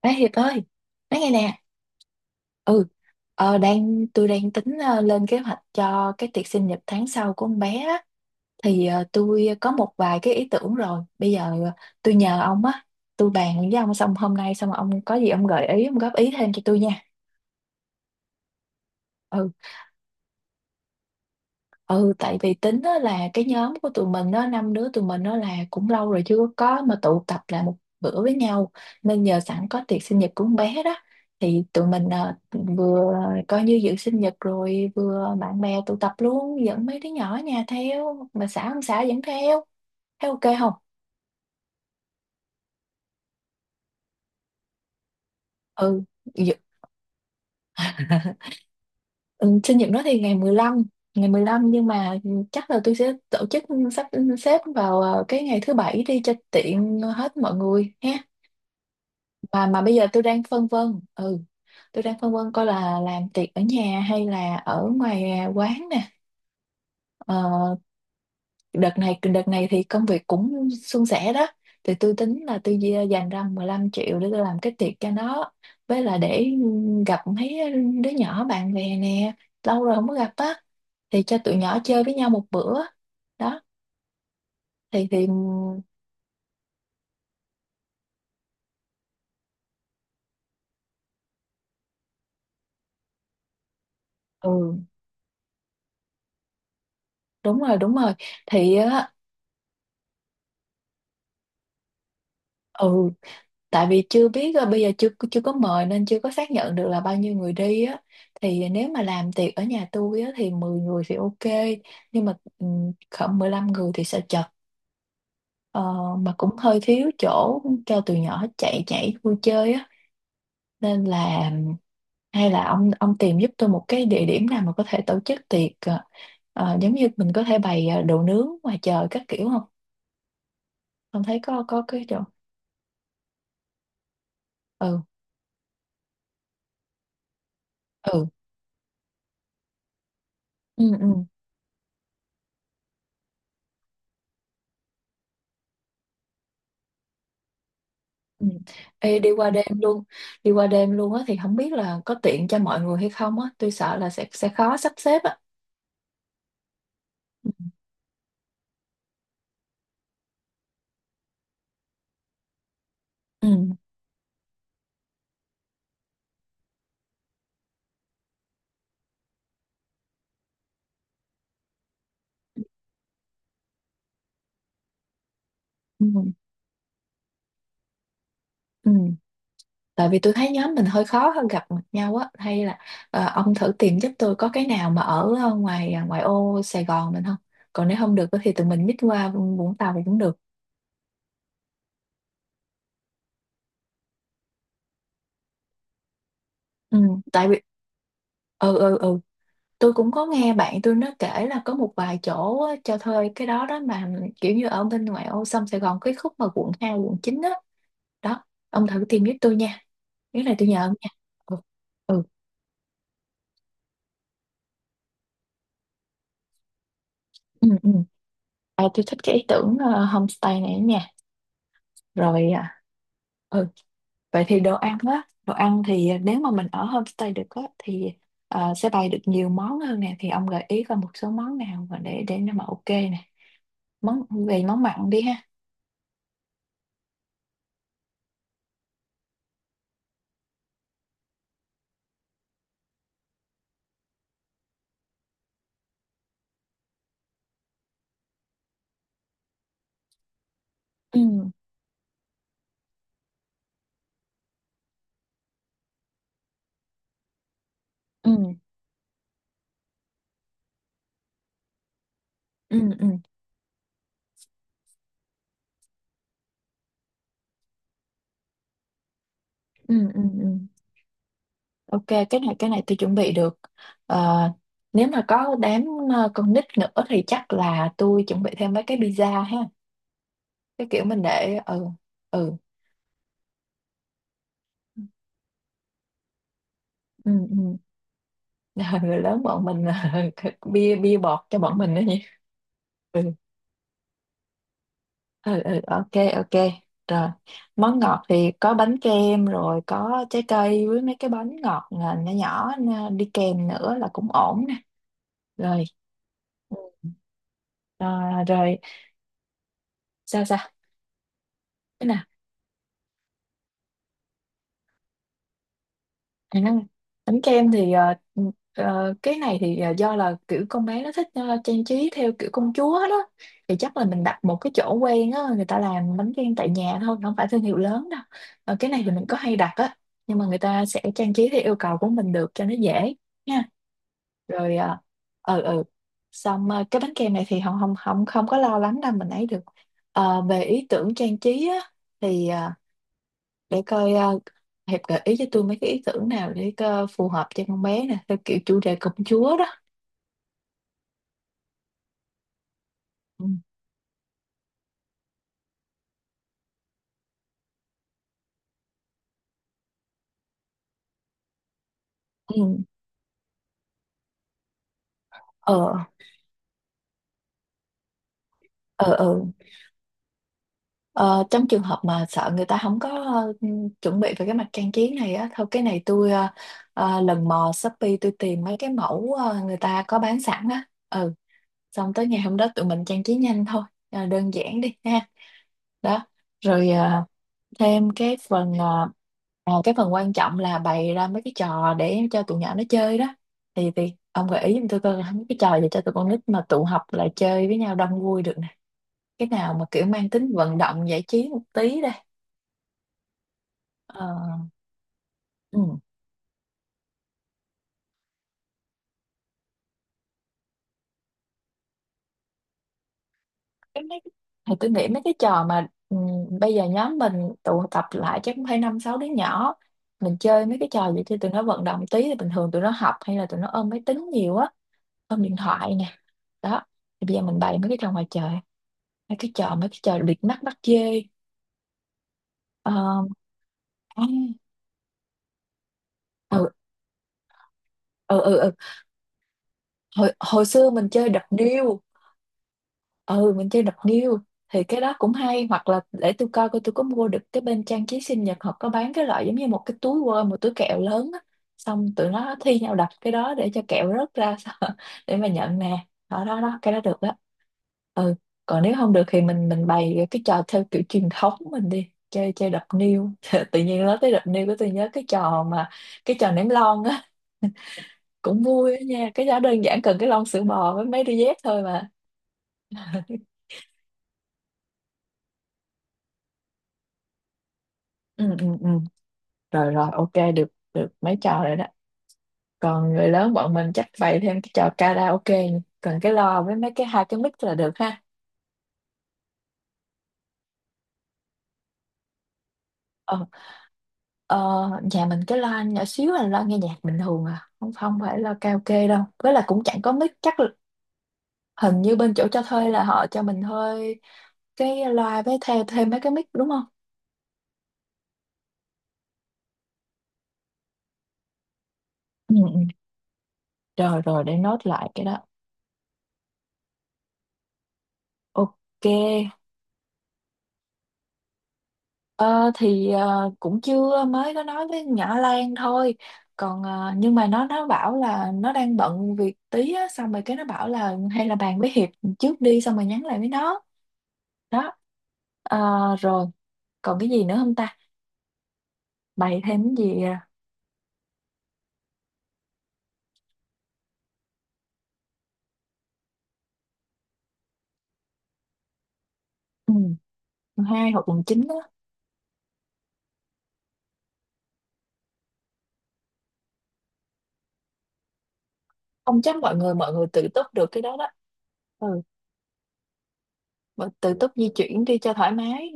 Ê Hiệp ơi, nói nghe nè. Ừ, ờ, đang tôi đang tính lên kế hoạch cho cái tiệc sinh nhật tháng sau của con bé á. Thì tôi có một vài cái ý tưởng rồi. Bây giờ tôi nhờ ông á, tôi bàn với ông xong hôm nay xong rồi ông có gì ông gợi ý, ông góp ý thêm cho tôi nha. Ừ. Ừ, tại vì tính á là cái nhóm của tụi mình đó, năm đứa tụi mình đó là cũng lâu rồi chưa có mà tụ tập lại một bữa với nhau, nên nhờ sẵn có tiệc sinh nhật của con bé đó thì tụi mình vừa coi như dự sinh nhật rồi vừa bạn bè tụ tập luôn, dẫn mấy đứa nhỏ ở nhà theo mà xã không xã dẫn theo, thấy ok không. Ừ. dự- Ừ, sinh nhật nó thì ngày mười lăm nhưng mà chắc là tôi sẽ tổ chức, sắp xếp vào cái ngày thứ bảy đi cho tiện hết mọi người ha. Mà bây giờ tôi đang phân vân, coi là làm tiệc ở nhà hay là ở ngoài quán nè. ờ, đợt này thì công việc cũng suôn sẻ đó, thì tôi tính là tôi dành ra 15 triệu để tôi làm cái tiệc cho nó, với là để gặp mấy đứa nhỏ bạn bè nè, lâu rồi không có gặp á, thì cho tụi nhỏ chơi với nhau một bữa đó. Thì ừ, đúng rồi, đúng rồi. Thì á, ừ, tại vì chưa biết, bây giờ chưa chưa có mời nên chưa có xác nhận được là bao nhiêu người đi á. Thì nếu mà làm tiệc ở nhà tôi á thì 10 người thì ok, nhưng mà khoảng 15 người thì sợ chật. Ờ, mà cũng hơi thiếu chỗ cho tụi nhỏ chạy nhảy vui chơi á, nên là hay là ông tìm giúp tôi một cái địa điểm nào mà có thể tổ chức tiệc, giống như mình có thể bày đồ nướng ngoài trời các kiểu không. Ông thấy có cái chỗ. Ừ, ừ, ừ, ừ. Ừ. Ê, đi qua đêm luôn. Đi qua đêm luôn á thì không biết là có tiện cho mọi người hay không á, tôi sợ là sẽ khó sắp xếp á. Ừ. Ừ. Ừ. Tại vì tôi thấy nhóm mình hơi khó hơn gặp mặt nhau á, hay là ông thử tìm giúp tôi có cái nào mà ở ngoài ô Sài Gòn mình không, còn nếu không được á thì tụi mình nhích qua Vũng Tàu thì cũng được. Ừ. Tại vì ừ ừ ừ tôi cũng có nghe bạn tôi nó kể là có một vài chỗ á, cho thuê cái đó đó mà, kiểu như ở bên ngoại ô sông Sài Gòn cái khúc mà quận 2, quận 9 á đó. Ông thử tìm giúp tôi nha, nếu này tôi nhờ ông nha. Ừ, ừ, ừ, ừ. À, tôi thích cái ý tưởng homestay này nha. Rồi. À, ừ vậy thì đồ ăn thì nếu mà mình ở homestay được á thì sẽ bày được nhiều món hơn nè, thì ông gợi ý coi một số món nào mà để nó mà ok nè. Về món mặn đi ha. Ừ, ừ, ừ, ừ, ừ, ừ, ừ. Ok, cái này tôi chuẩn bị được. Ờ, nếu mà có đám, con nít nữa thì chắc là tôi chuẩn bị thêm mấy cái pizza ha. Cái kiểu mình để. Ừ, ừ, ừ, ừ. Người lớn bọn mình bia bia bọt cho bọn mình đó nhỉ. Ừ. Ừ, ừ, ok, ok, rồi. Món ngọt thì có bánh kem rồi, có trái cây với mấy cái bánh ngọt à, nhỏ nhỏ, à, đi kèm nữa là cũng ổn nè. Rồi. Ừ. À, rồi, sao sao. À, bánh kem thì cái này thì do là kiểu con bé nó thích trang trí theo kiểu công chúa đó, thì chắc là mình đặt một cái chỗ quen á, người ta làm bánh kem tại nhà thôi, không phải thương hiệu lớn đâu. Ờ, cái này thì mình có hay đặt á, nhưng mà người ta sẽ trang trí theo yêu cầu của mình được cho nó dễ nha. Rồi. Ờ ừ ừ Xong cái bánh kem này thì không không không không có lo lắng đâu, mình ấy được. Ờ, về ý tưởng trang trí á thì để coi, Hiệp gợi ý cho tôi mấy cái ý tưởng nào để phù hợp cho con bé nè theo kiểu chủ đề công chúa đó. Ừ, ừ, ờ, ờ, ờ. Ờ, trong trường hợp mà sợ người ta không có chuẩn bị về cái mặt trang trí này á thôi, cái này tôi lần mò Shopee tôi tìm mấy cái mẫu, người ta có bán sẵn á. Ừ. Xong tới ngày hôm đó tụi mình trang trí nhanh thôi. Ờ, đơn giản đi ha. Đó. Rồi thêm cái phần quan trọng là bày ra mấy cái trò để cho tụi nhỏ nó chơi đó, thì ông gợi ý giùm tôi coi mấy cái trò gì cho tụi con nít mà tụ họp lại chơi với nhau đông vui được nè, cái nào mà kiểu mang tính vận động giải trí một tí đây. ờ, ừ. Cái mấy, thì tôi nghĩ mấy cái trò mà, bây giờ nhóm mình tụ tập lại chắc cũng phải năm sáu đứa nhỏ, mình chơi mấy cái trò gì cho tụi nó vận động tí, thì bình thường tụi nó học hay là tụi nó ôm máy tính nhiều á, ôm điện thoại nè. Đó. Thì bây giờ mình bày mấy cái trò ngoài trời, mấy cái trò bịt mắt bắt dê. Ờ. À. Ừ, ừ, ừ, ừ. Hồi xưa mình chơi đập niêu. Ừ, mình chơi đập niêu. Thì cái đó cũng hay, hoặc là để tôi coi coi tôi có mua được cái bên trang trí sinh nhật, họ có bán cái loại giống như một cái túi quơ, một túi kẹo lớn á, xong tụi nó thi nhau đập cái đó để cho kẹo rớt ra sao, để mà nhận nè. Đó, đó, đó, cái đó được đó. Ừ. Còn nếu không được thì mình bày cái trò theo kiểu truyền thống, mình đi chơi chơi đập niêu. Tự nhiên nói tới đập niêu của tôi nhớ cái trò ném lon á, cũng vui á nha, cái đó đơn giản cần cái lon sữa bò với mấy đôi dép thôi mà. Ừ, ừ, ừ. Rồi, rồi, ok, được được mấy trò rồi đó. Còn người lớn bọn mình chắc bày thêm cái trò karaoke, cần cái loa với mấy cái hai cái mic là được ha. Ờ, ờ, Nhà mình cái loa nhỏ xíu, là loa nghe nhạc bình thường à, không không phải loa karaoke đâu. Với là cũng chẳng có mic, chắc là- hình như bên chỗ cho thuê là họ cho mình thuê cái loa với thêm thêm mấy cái mic, đúng không? Ừ, ừ. Rồi, rồi, để nốt lại cái đó. Ok. Ờ, thì cũng chưa, mới có nói với nhỏ Lan thôi, còn nhưng mà nó bảo là nó đang bận việc tí á, xong rồi cái nó bảo là hay là bàn với Hiệp trước đi, xong rồi nhắn lại với nó đó. Ờ. Rồi. Còn cái gì nữa không ta, bày thêm cái gì à? Ừ, mùng 2 hoặc mùng 9 á. Không, chắc mọi người tự túc được cái đó đó. Ừ. Tự túc di chuyển đi cho thoải mái.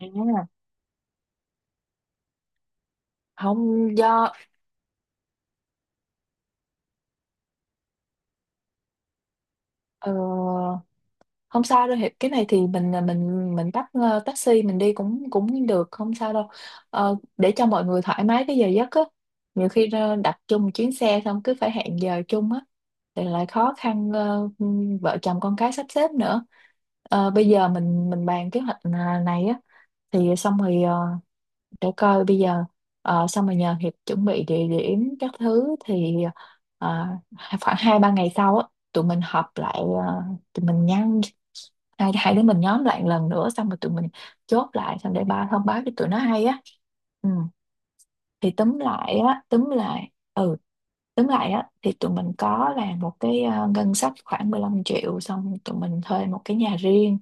À, không do ờ, không sao đâu Hiệp, cái này thì mình bắt taxi mình đi cũng cũng được, không sao đâu. Ờ, để cho mọi người thoải mái cái giờ giấc á, nhiều khi đặt chung một chuyến xe xong cứ phải hẹn giờ chung á thì lại khó khăn, vợ chồng con cái sắp xếp nữa. Ờ, bây giờ mình bàn kế hoạch này á thì xong rồi, để coi bây giờ, xong rồi nhờ Hiệp chuẩn bị địa điểm các thứ, thì ờ, khoảng hai ba ngày sau á tụi mình họp lại, ờ, tụi mình nhắn, hai hai đứa mình nhóm lại một lần nữa, xong rồi tụi mình chốt lại xong để ba thông báo cho tụi nó hay á. Ừ, thì túm lại á, thì tụi mình có làm một cái ngân sách khoảng 15 triệu, xong tụi mình thuê một cái nhà riêng.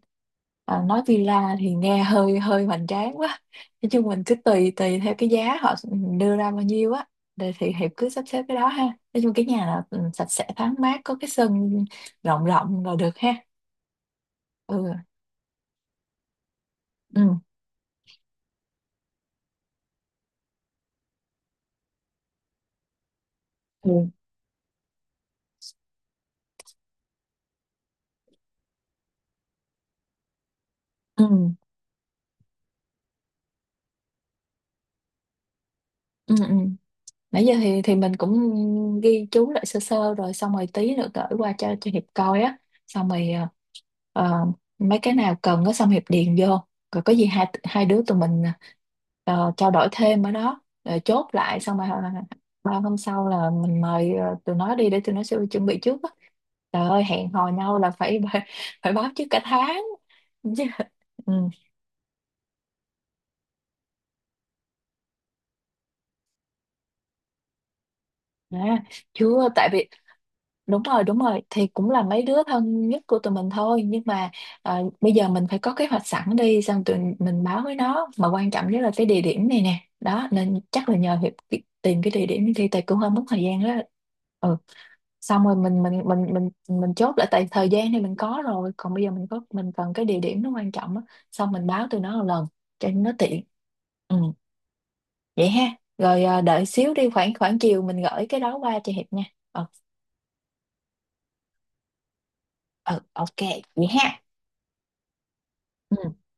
Ờ, nói villa thì nghe hơi hơi hoành tráng quá, nói chung mình cứ tùy tùy theo cái giá họ đưa ra bao nhiêu á, để thì Hiệp cứ sắp xếp cái đó ha. Nói chung cái nhà là, sạch sẽ thoáng mát có cái sân rộng rộng là được ha. Ừ, ừ. Ừ. Ừ, ừ, ừ. Nãy giờ thì mình cũng ghi chú lại sơ sơ rồi, xong rồi tí nữa gửi qua cho Hiệp coi á, xong rồi ờ, mấy cái nào cần á xong Hiệp điền vô, rồi có gì hai hai đứa tụi mình trao đổi thêm ở đó rồi chốt lại, xong rồi ba hôm sau là mình mời tụi nó đi để tụi nó sẽ chuẩn bị trước á. Trời ơi hẹn hò nhau là phải phải báo trước cả tháng chứ. Ừ. À, chưa, tại vì đúng rồi, đúng rồi. Thì cũng là mấy đứa thân nhất của tụi mình thôi nhưng mà bây giờ mình phải có kế hoạch sẵn đi, xong tụi mình báo với nó, mà quan trọng nhất là cái địa điểm này nè đó, nên chắc là nhờ Hiệp tìm cái địa điểm đi, tại cũng hơi mất thời gian đó. Ừ. Xong rồi mình chốt lại, tại thời gian thì mình có rồi, còn bây giờ mình cần cái địa điểm nó quan trọng á, xong mình báo tụi nó một lần cho nó tiện. Ừ, vậy ha. Rồi, đợi xíu đi, khoảng khoảng chiều mình gửi cái đó qua cho Hiệp nha. Ừ, ừ, ok, vậy ha. Ừ.